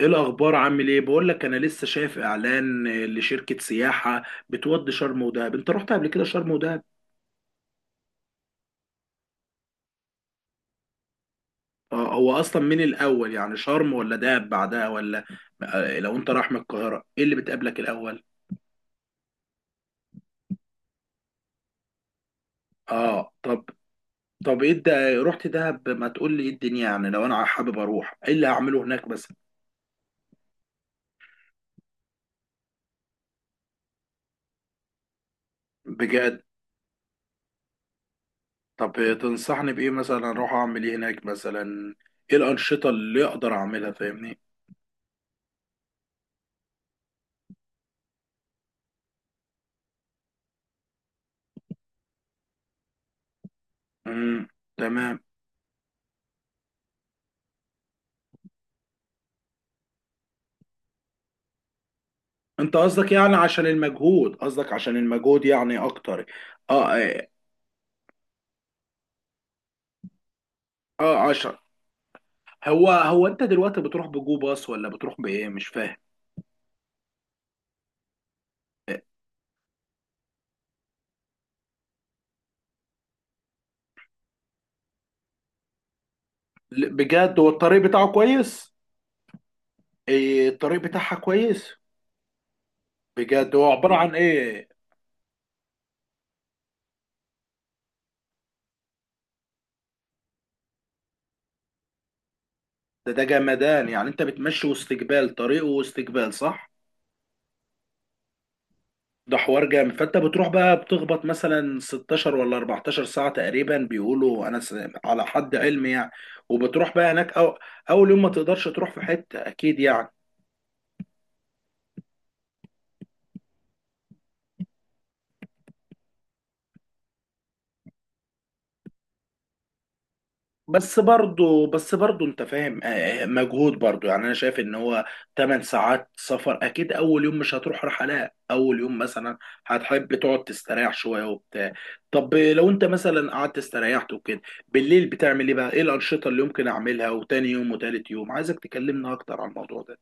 ايه الاخبار؟ عامل ايه؟ بقول لك انا لسه شايف اعلان لشركه سياحه بتودي شرم ودهب. انت رحت قبل كده شرم ودهب؟ هو اصلا من الاول، يعني شرم ولا دهب بعدها ولا؟ لو انت رايح من القاهره، ايه اللي بتقابلك الاول؟ اه، طب. طب ايه ده، رحت دهب؟ ما تقول لي ايه الدنيا، يعني لو انا حابب اروح ايه اللي هعمله هناك مثلا؟ بجد؟ طب، تنصحني بايه مثلا؟ اروح اعمل ايه هناك مثلا؟ ايه الانشطه اللي اقدر اعملها؟ فاهمني. امم. تمام. انت قصدك يعني عشان المجهود، قصدك عشان المجهود يعني اكتر؟ اه، اه. عشان. هو انت دلوقتي بتروح بجو باص ولا بتروح بايه؟ مش فاهم. بجد هو الطريق بتاعه كويس؟ ايه، الطريق بتاعها كويس؟ بجد؟ هو عبارة عن ايه؟ ده جمدان، يعني انت بتمشي وسط جبال، طريق وسط جبال، صح؟ ده حوار جامد. فانت بتروح بقى بتخبط مثلا 16 ولا 14 ساعة تقريبا، بيقولوا انا على حد علمي يعني. وبتروح بقى هناك اول يوم ما تقدرش تروح في حتة اكيد يعني. بس برضه انت فاهم، مجهود برضه، يعني انا شايف ان هو 8 ساعات سفر، اكيد اول يوم مش هتروح رحلات اول يوم مثلا. هتحب تقعد تستريح شويه وبتاع. طب لو انت مثلا قعدت استريحت وكده، بالليل بتعمل ايه بقى؟ ايه الانشطه اللي ممكن اعملها؟ وتاني يوم وتالت يوم عايزك تكلمنا اكتر عن الموضوع ده.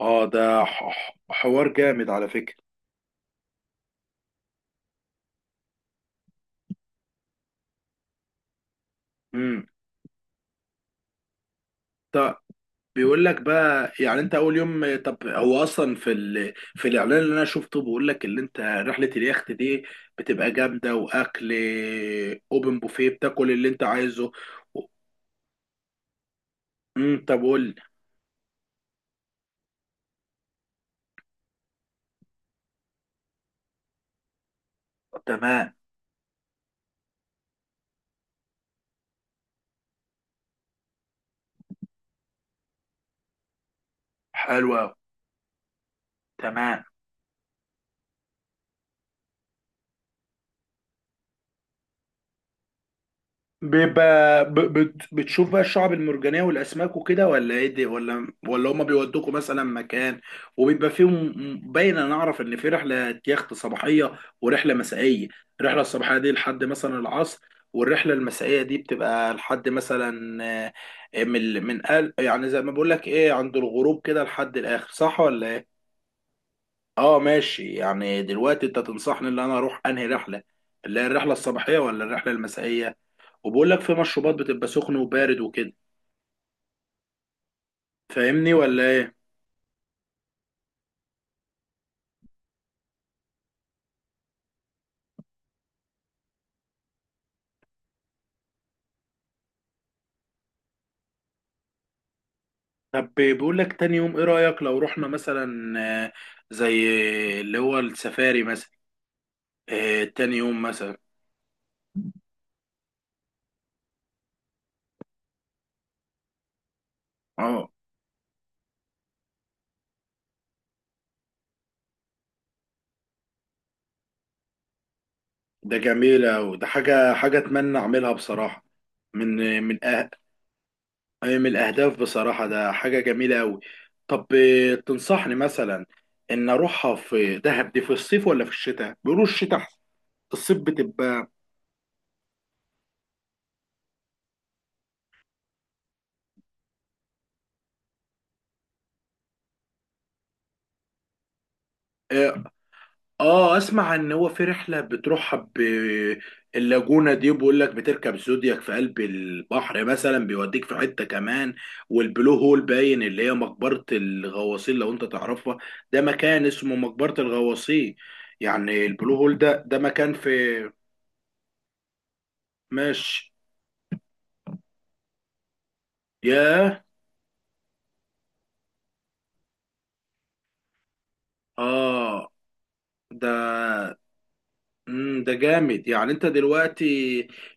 اه، ده حوار جامد على فكره. امم. بيقول لك بقى، يعني انت اول يوم، طب هو اصلا في الاعلان اللي انا شفته بيقول لك، اللي انت رحله اليخت دي بتبقى جامده، واكل اوبن بوفيه بتاكل اللي انت عايزه. و... امم، طب قول لي. تمام. حلوه. تمام. بيبقى بتشوف بقى الشعب المرجانية والأسماك وكده؟ ولا ايه دي، ولا هما بيودوكوا مثلا مكان وبيبقى فيهم؟ باين. أنا أعرف إن في رحلة يخت صباحية ورحلة مسائية. الرحلة الصباحية دي لحد مثلا العصر، والرحلة المسائية دي بتبقى لحد مثلا من قل، يعني زي ما بقول لك ايه، عند الغروب كده لحد الآخر، صح ولا ايه؟ اه ماشي، يعني دلوقتي انت تنصحني ان انا اروح انهي رحلة؟ اللي هي الرحلة الصباحية ولا الرحلة المسائية؟ وبقول لك في مشروبات بتبقى سخن وبارد وكده. فاهمني ولا ايه؟ طب بقول لك، تاني يوم ايه رأيك لو رحنا مثلا آه، زي اللي هو السفاري مثلا، تاني يوم مثلا. اه، ده جميلة، وده حاجة اتمنى اعملها بصراحة. من من الاهداف بصراحة، ده حاجة جميلة قوي. طب، تنصحني مثلا ان اروحها في دهب دي في الصيف ولا في الشتاء؟ بيقولوا الشتاء أحسن. الصيف بتبقى آه، اه، اسمع ان هو في رحله بتروحها باللاجونه دي بيقول لك، بتركب زودياك في قلب البحر مثلا بيوديك في حته كمان. والبلو هول، باين اللي هي مقبره الغواصين، لو انت تعرفها. ده مكان اسمه مقبره الغواصين، يعني البلو هول ده، ده مكان في. ماشي. ياه. اه. ده امم، ده جامد، يعني انت دلوقتي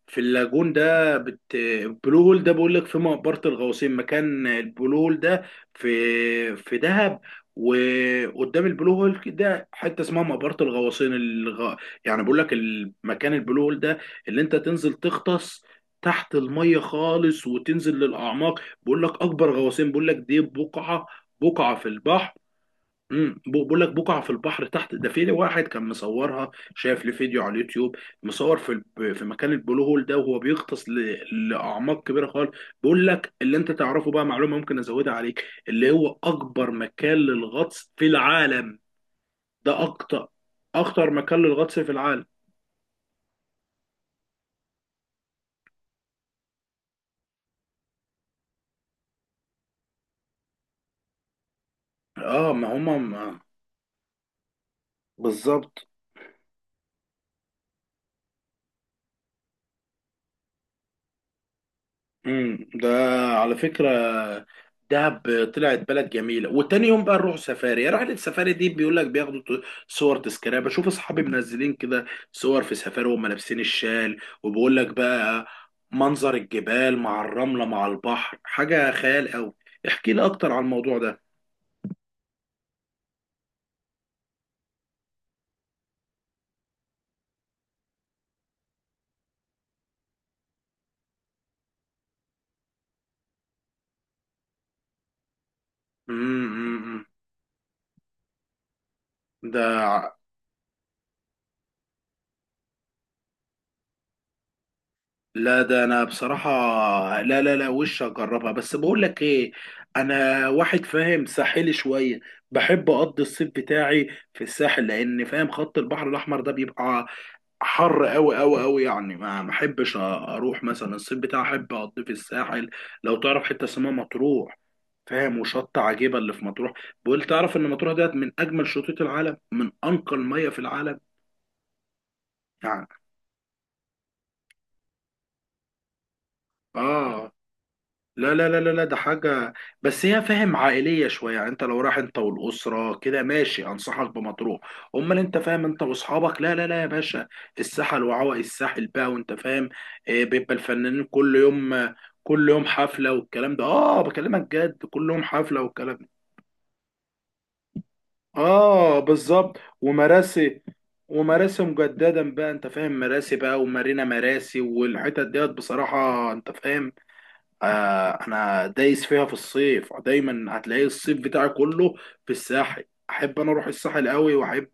في اللاجون ده البلو هول ده، بقول لك في مقبرة الغوصين مكان البلو هول ده، في دهب. وقدام البلو هول ده حته اسمها مقبرة الغواصين، يعني بقول لك المكان البلو هول ده، اللي انت تنزل تغطس تحت الميه خالص وتنزل للاعماق، بقول لك اكبر غواصين، بقول لك دي بقعه في البحر. امم، بقول لك بقع في البحر تحت، ده في واحد كان مصورها، شاف لي فيديو على اليوتيوب، مصور في مكان البلو هول ده وهو بيغطس لاعماق كبيره خالص. بقول لك، اللي انت تعرفه بقى معلومه ممكن ازودها عليك، اللي هو اكبر مكان للغطس في العالم، ده اخطر مكان للغطس في العالم. اه، ما هما ما بالظبط. امم، ده على فكرة، دهب طلعت بلد جميلة. وتاني يوم بقى نروح سفاري. رحلة السفاري دي بيقول لك بياخدوا صور تذكارية، بشوف اصحابي منزلين كده صور في سفاري، وهم لابسين الشال، وبيقول لك بقى منظر الجبال مع الرملة مع البحر حاجة خيال قوي. احكي لي اكتر عن الموضوع ده. امم، أمم، أمم. ده لا، ده انا بصراحة، لا، لا، لا، وش اجربها، بس بقول لك ايه، انا واحد فاهم ساحلي شوية، بحب اقضي الصيف بتاعي في الساحل لان، فاهم، خط البحر الاحمر ده بيبقى حر قوي قوي قوي، يعني ما احبش اروح مثلا، الصيف بتاعي احب اقضيه في الساحل. لو تعرف حتة اسمها مطروح، فاهم، وشط عجيبة اللي في مطروح. بقول، تعرف ان مطروح ديت من اجمل شطوط العالم، من انقى المية في العالم، يعني. اه، لا، لا، لا، لا، لا، ده حاجة. بس هي، فاهم، عائلية شوية، يعني انت لو رايح انت والأسرة كده ماشي انصحك بمطروح. امال انت فاهم، انت واصحابك، لا، لا، لا، يا باشا. الساحل، وعوائي الساحل بقى، وانت فاهم، بيبقى الفنانين كل يوم، كل يوم حفلة والكلام ده. اه بكلمك جد، كل يوم حفلة والكلام ده. اه، بالظبط، ومراسي. ومراسي مجددا بقى، انت فاهم، مراسي بقى ومارينا مراسي والحتت ديت بصراحة، انت فاهم. آه، انا دايس فيها في الصيف دايما، هتلاقي الصيف بتاعي كله في الساحل. احب انا اروح الساحل قوي، واحب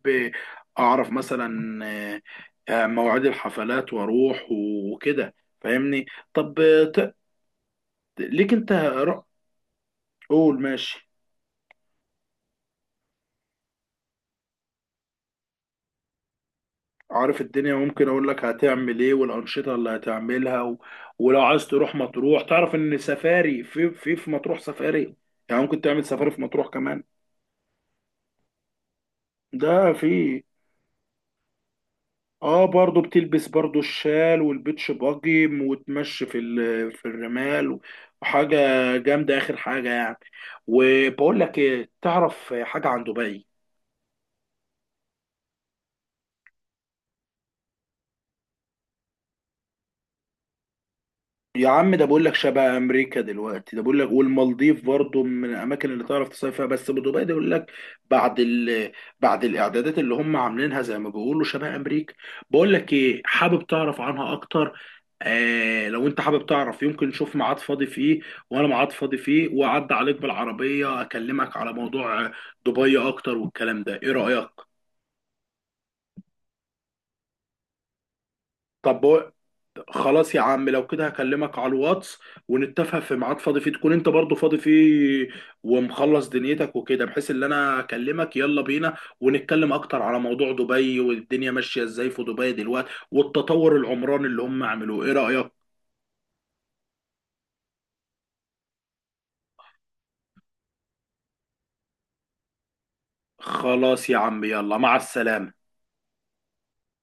اعرف مثلا مواعيد الحفلات واروح وكده. فاهمني. طب، ليك انت رأ- قول، ماشي. عارف الدنيا، ممكن اقول لك هتعمل ايه والانشطه اللي هتعملها ولو عايز تروح مطروح، تعرف ان سفاري في مطروح سفاري، يعني ممكن تعمل سفاري في مطروح كمان. ده في، اه برضو بتلبس برضو الشال والبيتش باجي وتمشي في الرمال، وحاجة جامدة آخر حاجة يعني. وبقول لك ايه، تعرف حاجة عن دبي؟ يا عم، ده بقول لك شبه امريكا دلوقتي، ده بقول لك، والمالديف برضو من الاماكن اللي تعرف تصيف فيها، بس ابو دبي ده بيقول لك بعد ال... بعد الاعدادات اللي هم عاملينها زي ما بيقولوا شبه امريكا. بقول لك ايه، حابب تعرف عنها اكتر؟ آه، لو انت حابب تعرف، يمكن نشوف ميعاد فاضي فيه، وانا ميعاد فاضي فيه، واعدي عليك بالعربيه اكلمك على موضوع دبي اكتر والكلام ده. ايه رايك؟ طب، خلاص يا عم، لو كده هكلمك على الواتس، ونتفق في ميعاد فاضي فيه تكون انت برضو فاضي فيه، ومخلص دنيتك وكده، بحيث ان انا اكلمك يلا بينا ونتكلم اكتر على موضوع دبي، والدنيا ماشية ازاي في دبي دلوقتي، والتطور العمراني اللي هم عملوه. ايه رأيك؟ خلاص يا عم، يلا، مع السلامة.